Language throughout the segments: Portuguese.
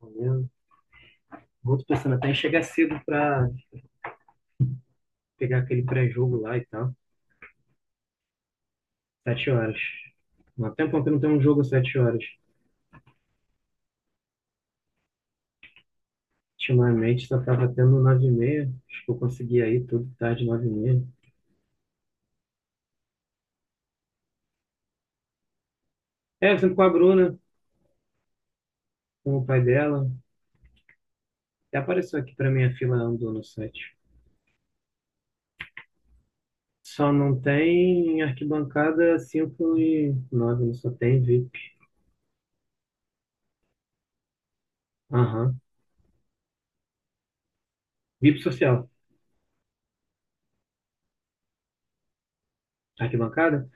Valeu. Vou tô pensando até em chegar cedo pra pegar aquele pré-jogo lá e tal. 7 horas. Há tempo que não tem um jogo às 7 horas. Ultimamente só tava tendo 9h30. Acho que eu consegui aí tudo tarde, 9h30. É, eu sempre com a Bruna, com o pai dela. Até apareceu aqui pra mim a fila andou no site. Só não tem arquibancada 5 e 9, só tem VIP. Aham. VIP social. Arquibancada?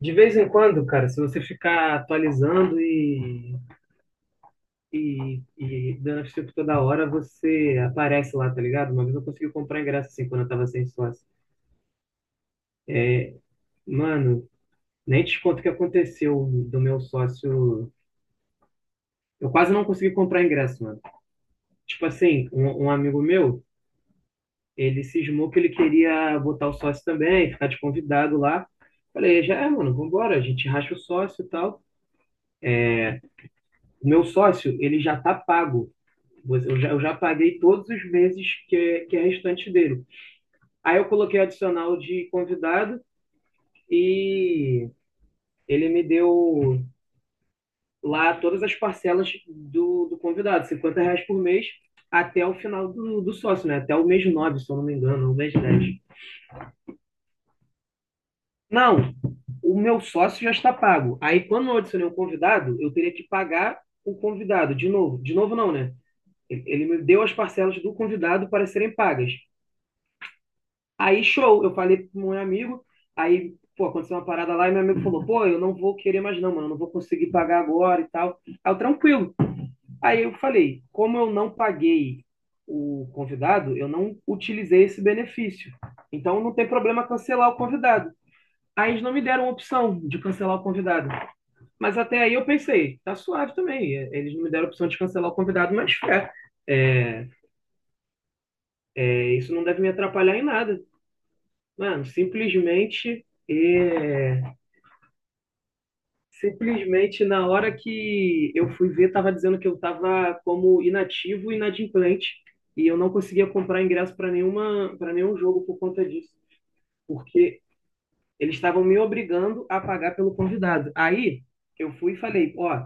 De vez em quando, cara, se você ficar atualizando e durante, tipo, toda hora você aparece lá, tá ligado? Uma vez eu consegui comprar ingresso assim quando eu tava sem sócio. Mano, nem te conto o que aconteceu do meu sócio. Eu quase não consegui comprar ingresso, mano. Tipo assim, um amigo meu, ele cismou que ele queria botar o sócio também, ficar de convidado lá. Falei, já é, mano, vambora, a gente racha o sócio e tal. O meu sócio, ele já tá pago. Eu já paguei todos os meses que é restante dele. Aí eu coloquei adicional de convidado e ele me deu lá todas as parcelas do convidado, R$ 50 por mês, até o final do sócio, né? Até o mês nove, se eu não me engano, o mês dez. Não, o meu sócio já está pago. Aí, quando eu adicionei um convidado, eu teria que pagar o convidado de novo. De novo, não, né? Ele me deu as parcelas do convidado para serem pagas. Aí, show, eu falei pro meu amigo, aí, pô, aconteceu uma parada lá e meu amigo falou, pô, eu não vou querer mais não, mano, eu não vou conseguir pagar agora e tal. Aí, eu, tranquilo. Aí eu falei, como eu não paguei o convidado, eu não utilizei esse benefício. Então não tem problema cancelar o convidado. Aí eles não me deram opção de cancelar o convidado. Mas até aí eu pensei, tá suave também. É, eles não me deram opção de cancelar o convidado, mas é, isso não deve me atrapalhar em nada. Mano, simplesmente na hora que eu fui ver, estava dizendo que eu estava como inativo e inadimplente, e eu não conseguia comprar ingresso para nenhum jogo por conta disso, porque eles estavam me obrigando a pagar pelo convidado. Aí eu fui e falei, ó,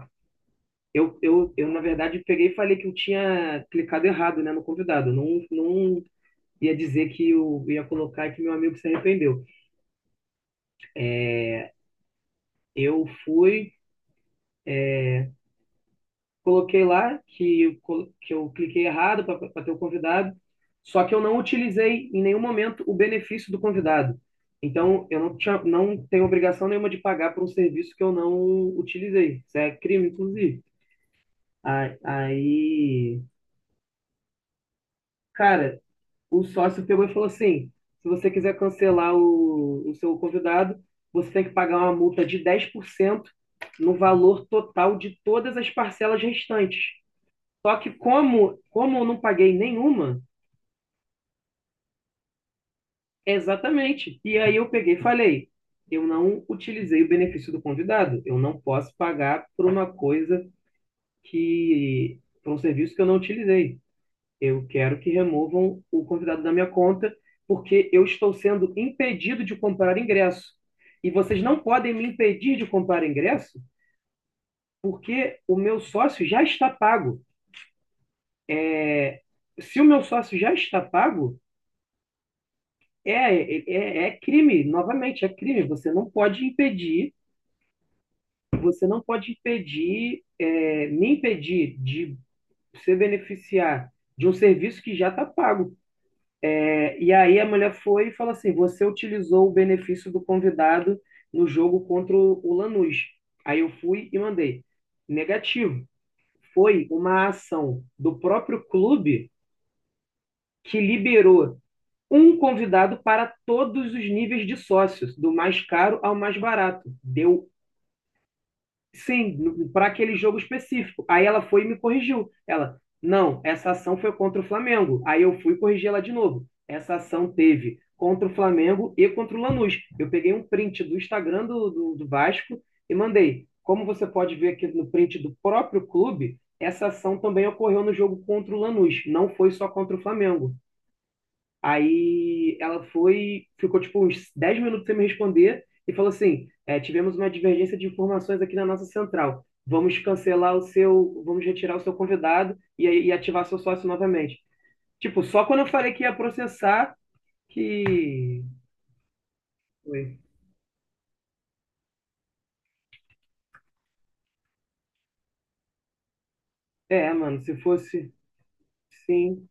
eu na verdade peguei e falei que eu tinha clicado errado, né, no convidado. Eu não ia dizer que eu ia colocar e que meu amigo se arrependeu. Eu fui coloquei lá que, que eu cliquei errado para ter o convidado, só que eu não utilizei em nenhum momento o benefício do convidado. Então, eu não tinha, não tenho obrigação nenhuma de pagar por um serviço que eu não utilizei. Isso é crime, inclusive. Aí, cara, o sócio pegou e falou assim: se você quiser cancelar o seu convidado, você tem que pagar uma multa de 10% no valor total de todas as parcelas restantes. Só que, como eu não paguei nenhuma, exatamente. E aí eu peguei e falei, eu não utilizei o benefício do convidado. Eu não posso pagar por uma coisa que, por um serviço que eu não utilizei. Eu quero que removam o convidado da minha conta, porque eu estou sendo impedido de comprar ingresso. E vocês não podem me impedir de comprar ingresso, porque o meu sócio já está pago. É, se o meu sócio já está pago, é, é crime, novamente, é crime. Você não pode impedir, você não pode impedir, é, me impedir de se beneficiar de um serviço que já está pago. É, e aí a mulher foi e falou assim: você utilizou o benefício do convidado no jogo contra o Lanús. Aí eu fui e mandei. Negativo. Foi uma ação do próprio clube que liberou um convidado para todos os níveis de sócios, do mais caro ao mais barato. Deu sim, para aquele jogo específico. Aí ela foi e me corrigiu. Ela, não, essa ação foi contra o Flamengo. Aí eu fui corrigir ela de novo. Essa ação teve contra o Flamengo e contra o Lanús. Eu peguei um print do Instagram do Vasco e mandei. Como você pode ver aqui no print do próprio clube, essa ação também ocorreu no jogo contra o Lanús, não foi só contra o Flamengo. Aí ela foi, ficou tipo uns 10 minutos sem me responder e falou assim: é, tivemos uma divergência de informações aqui na nossa central. Vamos cancelar o seu, vamos retirar o seu convidado e ativar seu sócio novamente. Tipo, só quando eu falei que ia processar que. Oi. É, mano, se fosse. Sim.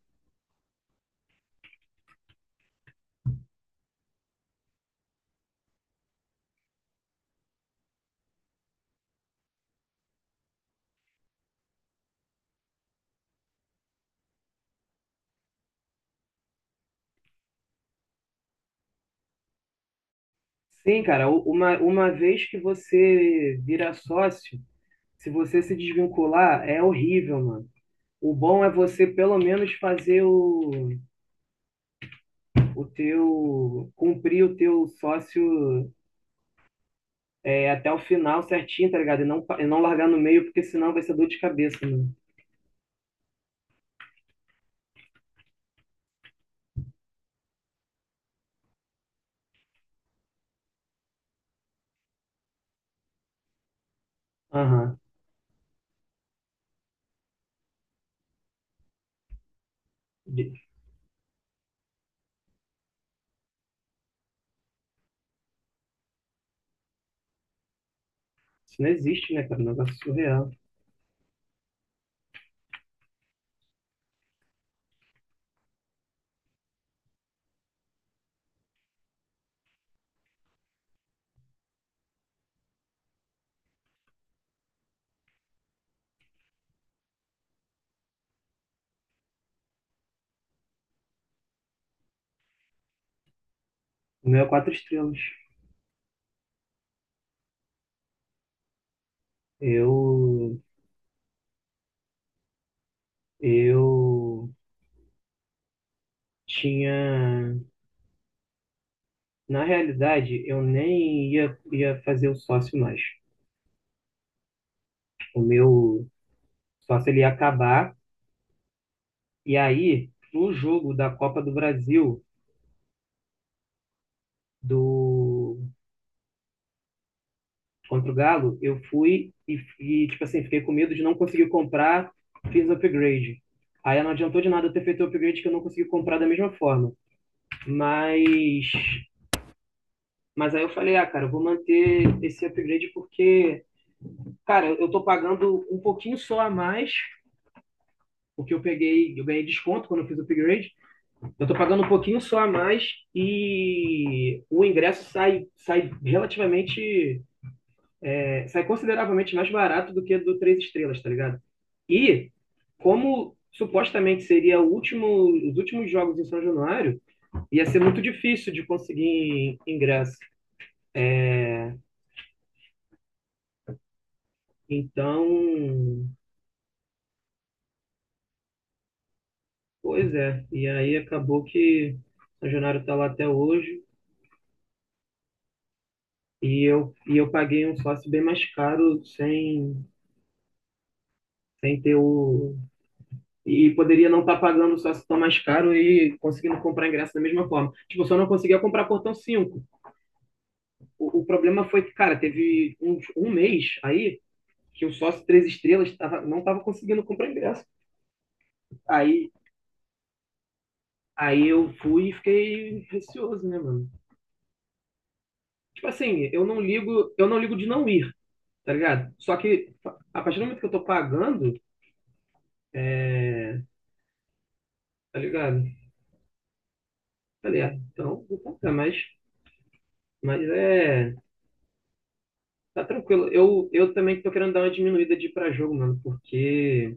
Sim, cara, uma vez que você vira sócio, se você se desvincular, é horrível, mano. O bom é você pelo menos fazer o. O teu cumprir o teu sócio, é, até o final certinho, tá ligado? E não largar no meio, porque senão vai ser dor de cabeça, mano. Aham. Isso não existe, né, cara? É um negócio surreal. O meu é quatro estrelas. Eu, eu tinha, na realidade, eu nem ia, ia fazer o sócio mais. O meu sócio ele ia acabar. E aí, no jogo da Copa do Brasil, do contra o Galo, eu fui e, tipo assim, fiquei com medo de não conseguir comprar, fiz upgrade. Aí não adiantou de nada eu ter feito o upgrade, que eu não consegui comprar da mesma forma. Mas mas aí eu falei, ah, cara, eu vou manter esse upgrade porque, cara, eu tô pagando um pouquinho só a mais, porque eu peguei, eu ganhei desconto quando eu fiz o upgrade. Eu tô pagando um pouquinho só a mais e o ingresso sai, sai relativamente sai consideravelmente mais barato do que do três estrelas, tá ligado? E como supostamente seria o último, os últimos jogos em São Januário, ia ser muito difícil de conseguir ingresso. Então, pois é. E aí acabou que São Januário está lá até hoje, e eu paguei um sócio bem mais caro sem, ter o. E poderia não estar pagando o sócio tão mais caro e conseguindo comprar ingresso da mesma forma. Tipo, eu só não conseguia comprar portão cinco. O problema foi que, cara, teve um mês aí que o sócio Três Estrelas tava, não tava conseguindo comprar ingresso. Aí, aí eu fui e fiquei receoso, né, mano? Tipo assim, eu não ligo de não ir, tá ligado? Só que, a partir do momento que eu tô pagando, tá ligado? Falei, ah, então vou comprar, mas é. Tá tranquilo. Eu também tô querendo dar uma diminuída de ir pra jogo, mano, porque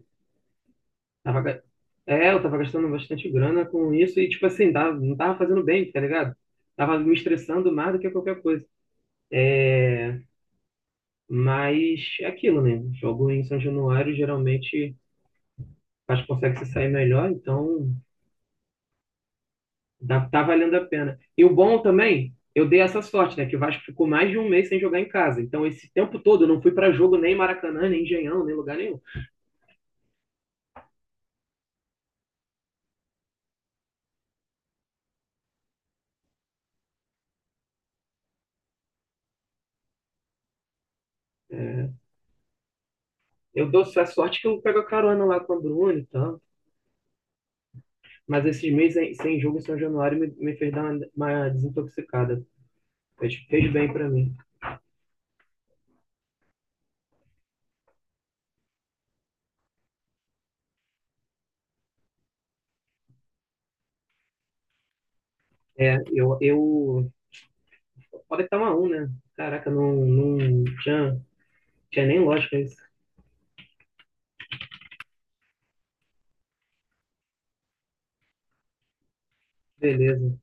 Tava, ga- é, eu tava gastando bastante grana com isso e, tipo assim, tava, não tava fazendo bem, tá ligado? Tava me estressando mais do que qualquer coisa. Mas é aquilo, né? Jogo em São Januário geralmente faz, consegue se sair melhor, então dá, tá valendo a pena. E o bom também, eu dei essa sorte, né? Que o Vasco ficou mais de um mês sem jogar em casa. Então, esse tempo todo eu não fui pra jogo nem em Maracanã, nem em Engenhão, nem lugar nenhum. Eu dou essa sorte que eu pego a carona lá com a Bruna e tal. Mas esses meses sem jogo em São Januário me, me fez dar uma desintoxicada. Fez, fez bem pra mim. É, eu. Pode estar uma 1, né? Caraca, não tinha nem lógica isso. Beleza.